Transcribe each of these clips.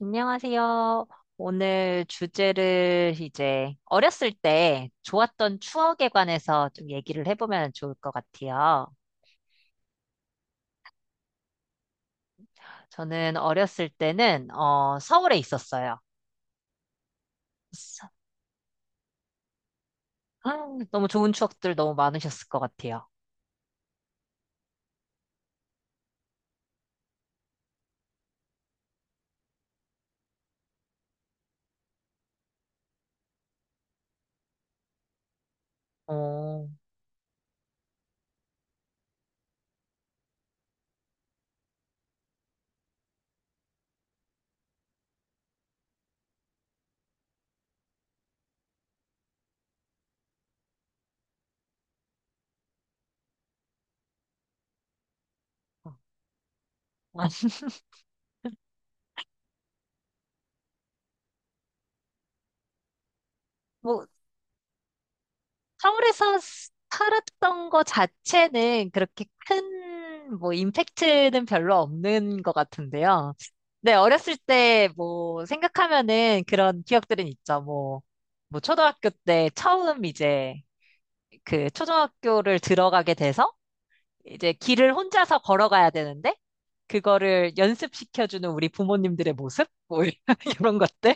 안녕하세요. 오늘 주제를 이제 어렸을 때 좋았던 추억에 관해서 좀 얘기를 해보면 좋을 것 같아요. 저는 어렸을 때는 서울에 있었어요. 서- 아, 너무 좋은 추억들 너무 많으셨을 것 같아요. 어, 뭐 서울에서 살았던 거 자체는 그렇게 큰 뭐 임팩트는 별로 없는 것 같은데요. 네, 어렸을 때 뭐 생각하면은 그런 기억들은 있죠. 뭐, 뭐 초등학교 때 처음 이제 그 초등학교를 들어가게 돼서 이제 길을 혼자서 걸어가야 되는데 그거를 연습시켜주는 우리 부모님들의 모습? 뭐 이런 것들?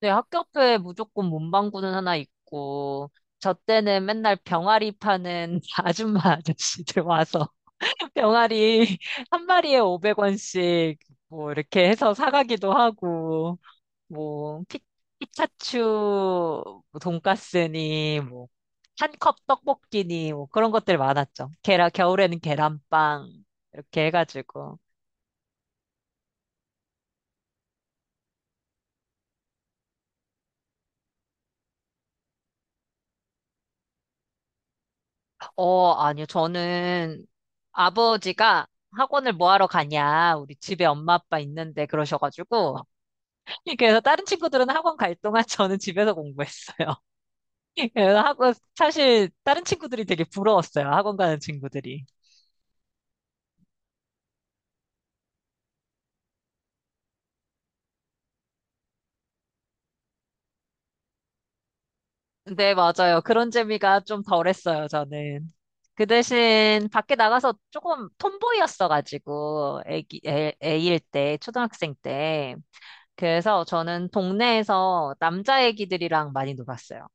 네, 학교 앞에 무조건 문방구는 하나 있고, 저 때는 맨날 병아리 파는 아줌마 아저씨들 와서 병아리 한 마리에 500원씩 뭐 이렇게 해서 사가기도 하고, 뭐 피, 피타츄 돈가스니 뭐 한 컵 떡볶이니 뭐 그런 것들 많았죠. 계란, 겨울에는 계란빵 이렇게 해가지고. 어, 아니요. 저는 아버지가 학원을 뭐 하러 가냐. 우리 집에 엄마 아빠 있는데 그러셔가지고. 그래서 다른 친구들은 학원 갈 동안 저는 집에서 공부했어요. 그래서 학원, 사실 다른 친구들이 되게 부러웠어요. 학원 가는 친구들이. 네, 맞아요. 그런 재미가 좀 덜했어요, 저는. 그 대신 밖에 나가서 조금 톰보이였어가지고, 애일 때, 초등학생 때. 그래서 저는 동네에서 남자 애기들이랑 많이 놀았어요.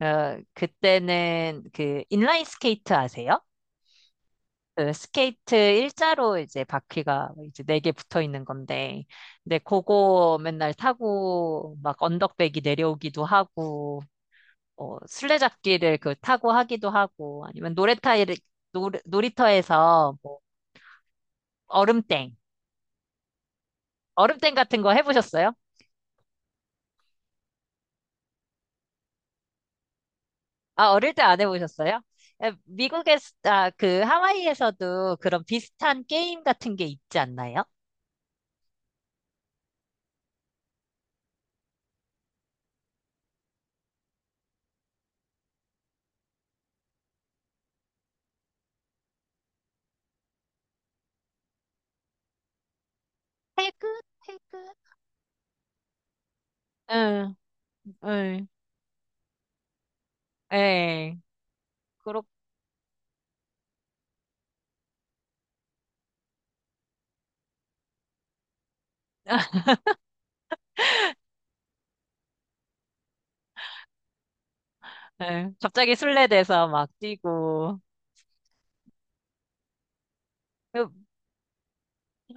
어, 그때는 그 인라인 스케이트 아세요? 그 스케이트 일자로 이제 바퀴가 이제 네 개 붙어 있는 건데, 근데 그거 맨날 타고 막 언덕배기 내려오기도 하고 술래잡기를 그 타고 하기도 하고 아니면 노래타일 놀이터에서 뭐 얼음땡 얼음땡 같은 거 해보셨어요? 아 어릴 때 안 해보셨어요? 미국에 아그 하와이에서도 그런 비슷한 게임 같은 게 있지 않나요? 해그 해그 응, 응, 예, 그렇, 예. 갑자기 술래돼서 막 뛰고. 그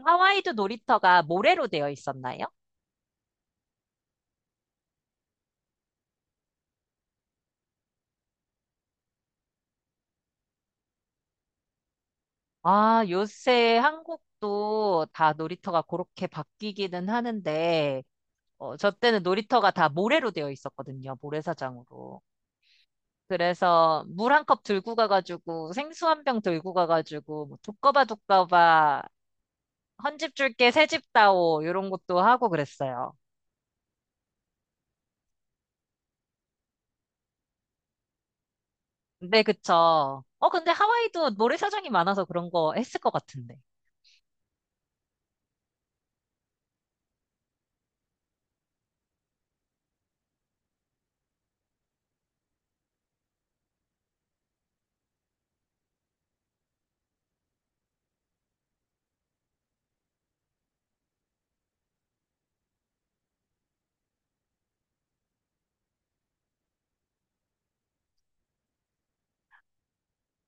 하와이도 놀이터가 모래로 되어 있었나요? 아, 요새 한국도 다 놀이터가 그렇게 바뀌기는 하는데, 저 때는 놀이터가 다 모래로 되어 있었거든요. 모래사장으로. 그래서 물 한 컵 들고 가가지고 생수 한 병 들고 가가지고 뭐 두꺼바 헌집 줄게 새집 다오 이런 것도 하고 그랬어요. 네 그쵸. 어 근데 하와이도 모래사장이 많아서 그런 거 했을 것 같은데.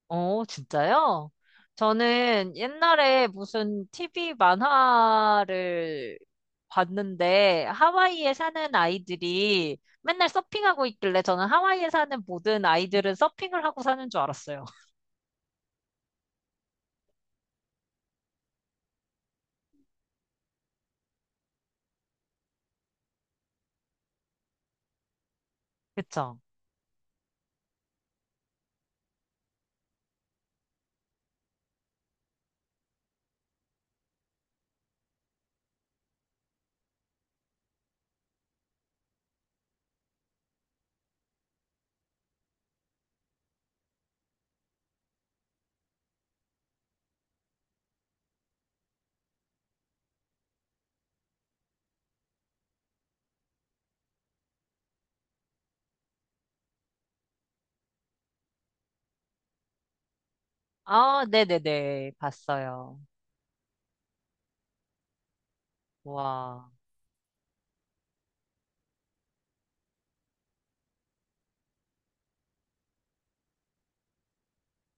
어, 진짜요? 저는 옛날에 무슨 TV 만화를 봤는데 하와이에 사는 아이들이 맨날 서핑하고 있길래 저는 하와이에 사는 모든 아이들은 서핑을 하고 사는 줄 알았어요. 그쵸? 아, 네네네. 봤어요. 와.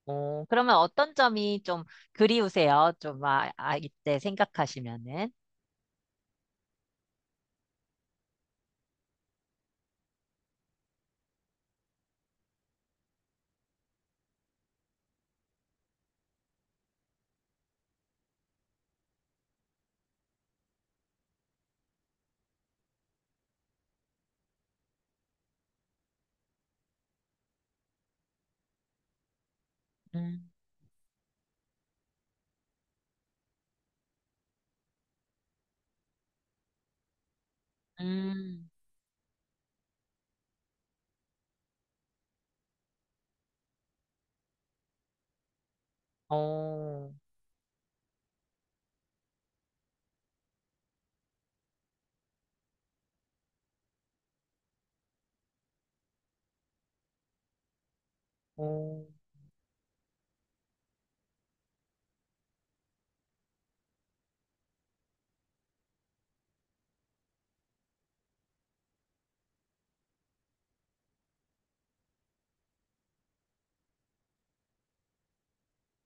어, 그러면 어떤 점이 좀 그리우세요? 좀 이때 생각하시면은. 음, 음, 어, 어.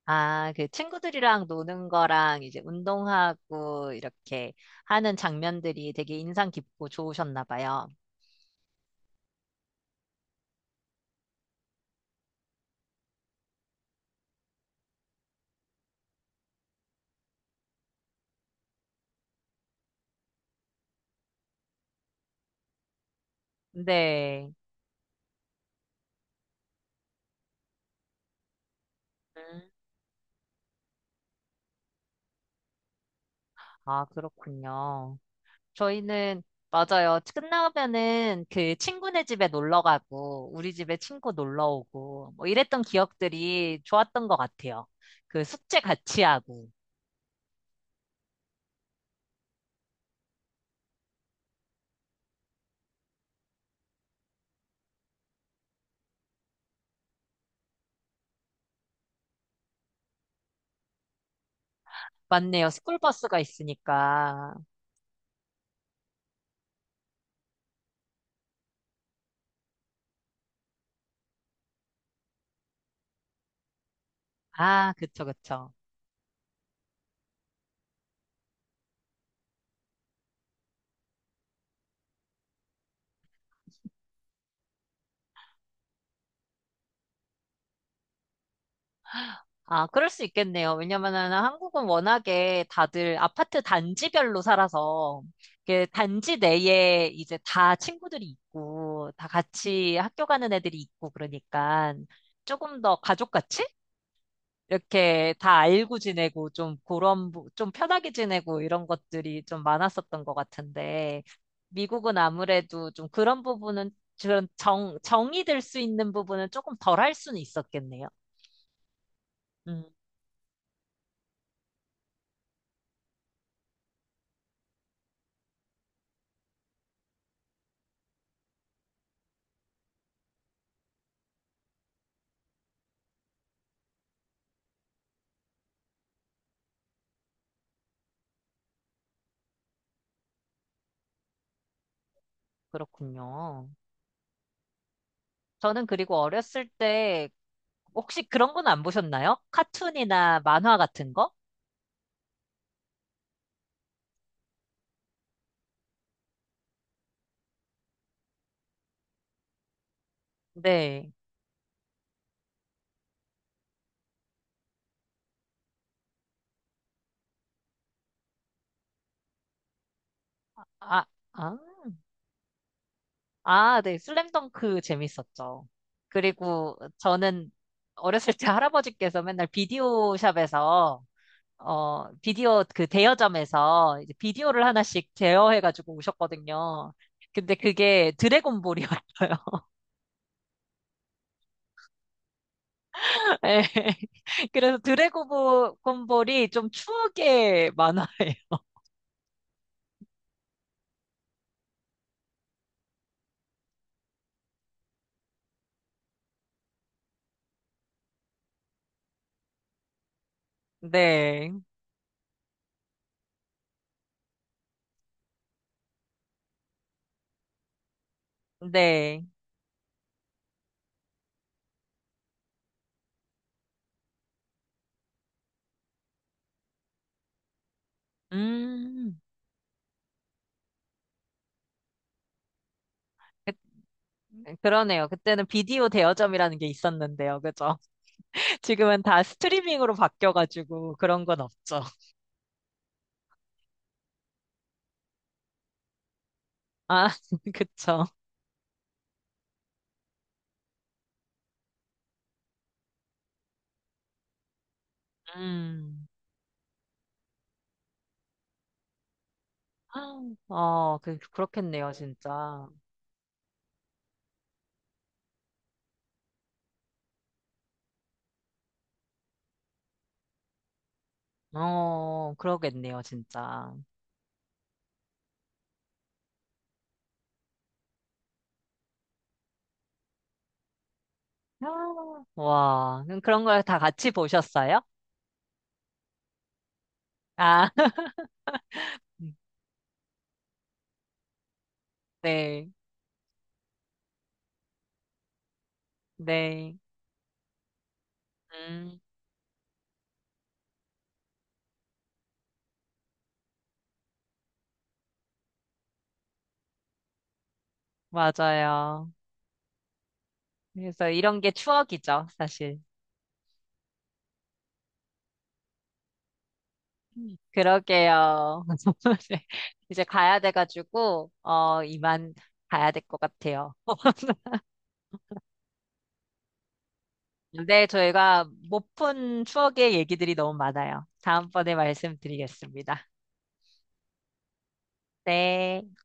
아, 그 친구들이랑 노는 거랑 이제 운동하고 이렇게 하는 장면들이 되게 인상 깊고 좋으셨나 봐요. 네. 음. 아, 그렇군요. 저희는, 맞아요. 끝나면은 그 친구네 집에 놀러 가고, 우리 집에 친구 놀러 오고, 뭐 이랬던 기억들이 좋았던 것 같아요. 그 숙제 같이 하고. 맞네요. 스쿨버스가 있으니까. 아, 그쵸, 그쵸. 아, 그럴 수 있겠네요. 왜냐면은 한국은 워낙에 다들 아파트 단지별로 살아서 그 단지 내에 이제 다 친구들이 있고 다 같이 학교 가는 애들이 있고 그러니까 조금 더 가족같이 이렇게 다 알고 지내고 좀 그런 좀 편하게 지내고 이런 것들이 좀 많았었던 것 같은데 미국은 아무래도 좀 그런 부분은 그런 정 정이 들 수 있는 부분은 조금 덜 할 수는 있었겠네요. 음, 그렇군요. 저는 그리고 어렸을 때 혹시 그런 건 안 보셨나요? 카툰이나 만화 같은 거? 네. 아, 아, 아, 네. 슬램덩크 재밌었죠. 그리고 저는 어렸을 때 할아버지께서 맨날 비디오 샵에서 비디오 그 대여점에서 이제 비디오를 하나씩 제어해가지고 오셨거든요. 근데 그게 드래곤볼이었어요. 네. 그래서 드래곤볼이 좀 추억의 만화예요. 네. 네. 음. 그러네요. 그때는 비디오 대여점이라는 게 있었는데요. 그죠? 지금은 다 스트리밍으로 바뀌어가지고 그런 건 없죠. 아, 그쵸. 음. 어, 그렇겠네요, 진짜. 어, 그러겠네요, 진짜. 아, 와, 그럼 그런 걸 다 같이 보셨어요? 아, 네, 네. 음, 맞아요. 그래서 이런 게 추억이죠, 사실. 그러게요. 네. 이제 가야 돼가지고, 어, 이만 가야 될 것 같아요. 근데 저희가 못 푼 추억의 얘기들이 너무 많아요. 다음번에 말씀드리겠습니다. 네.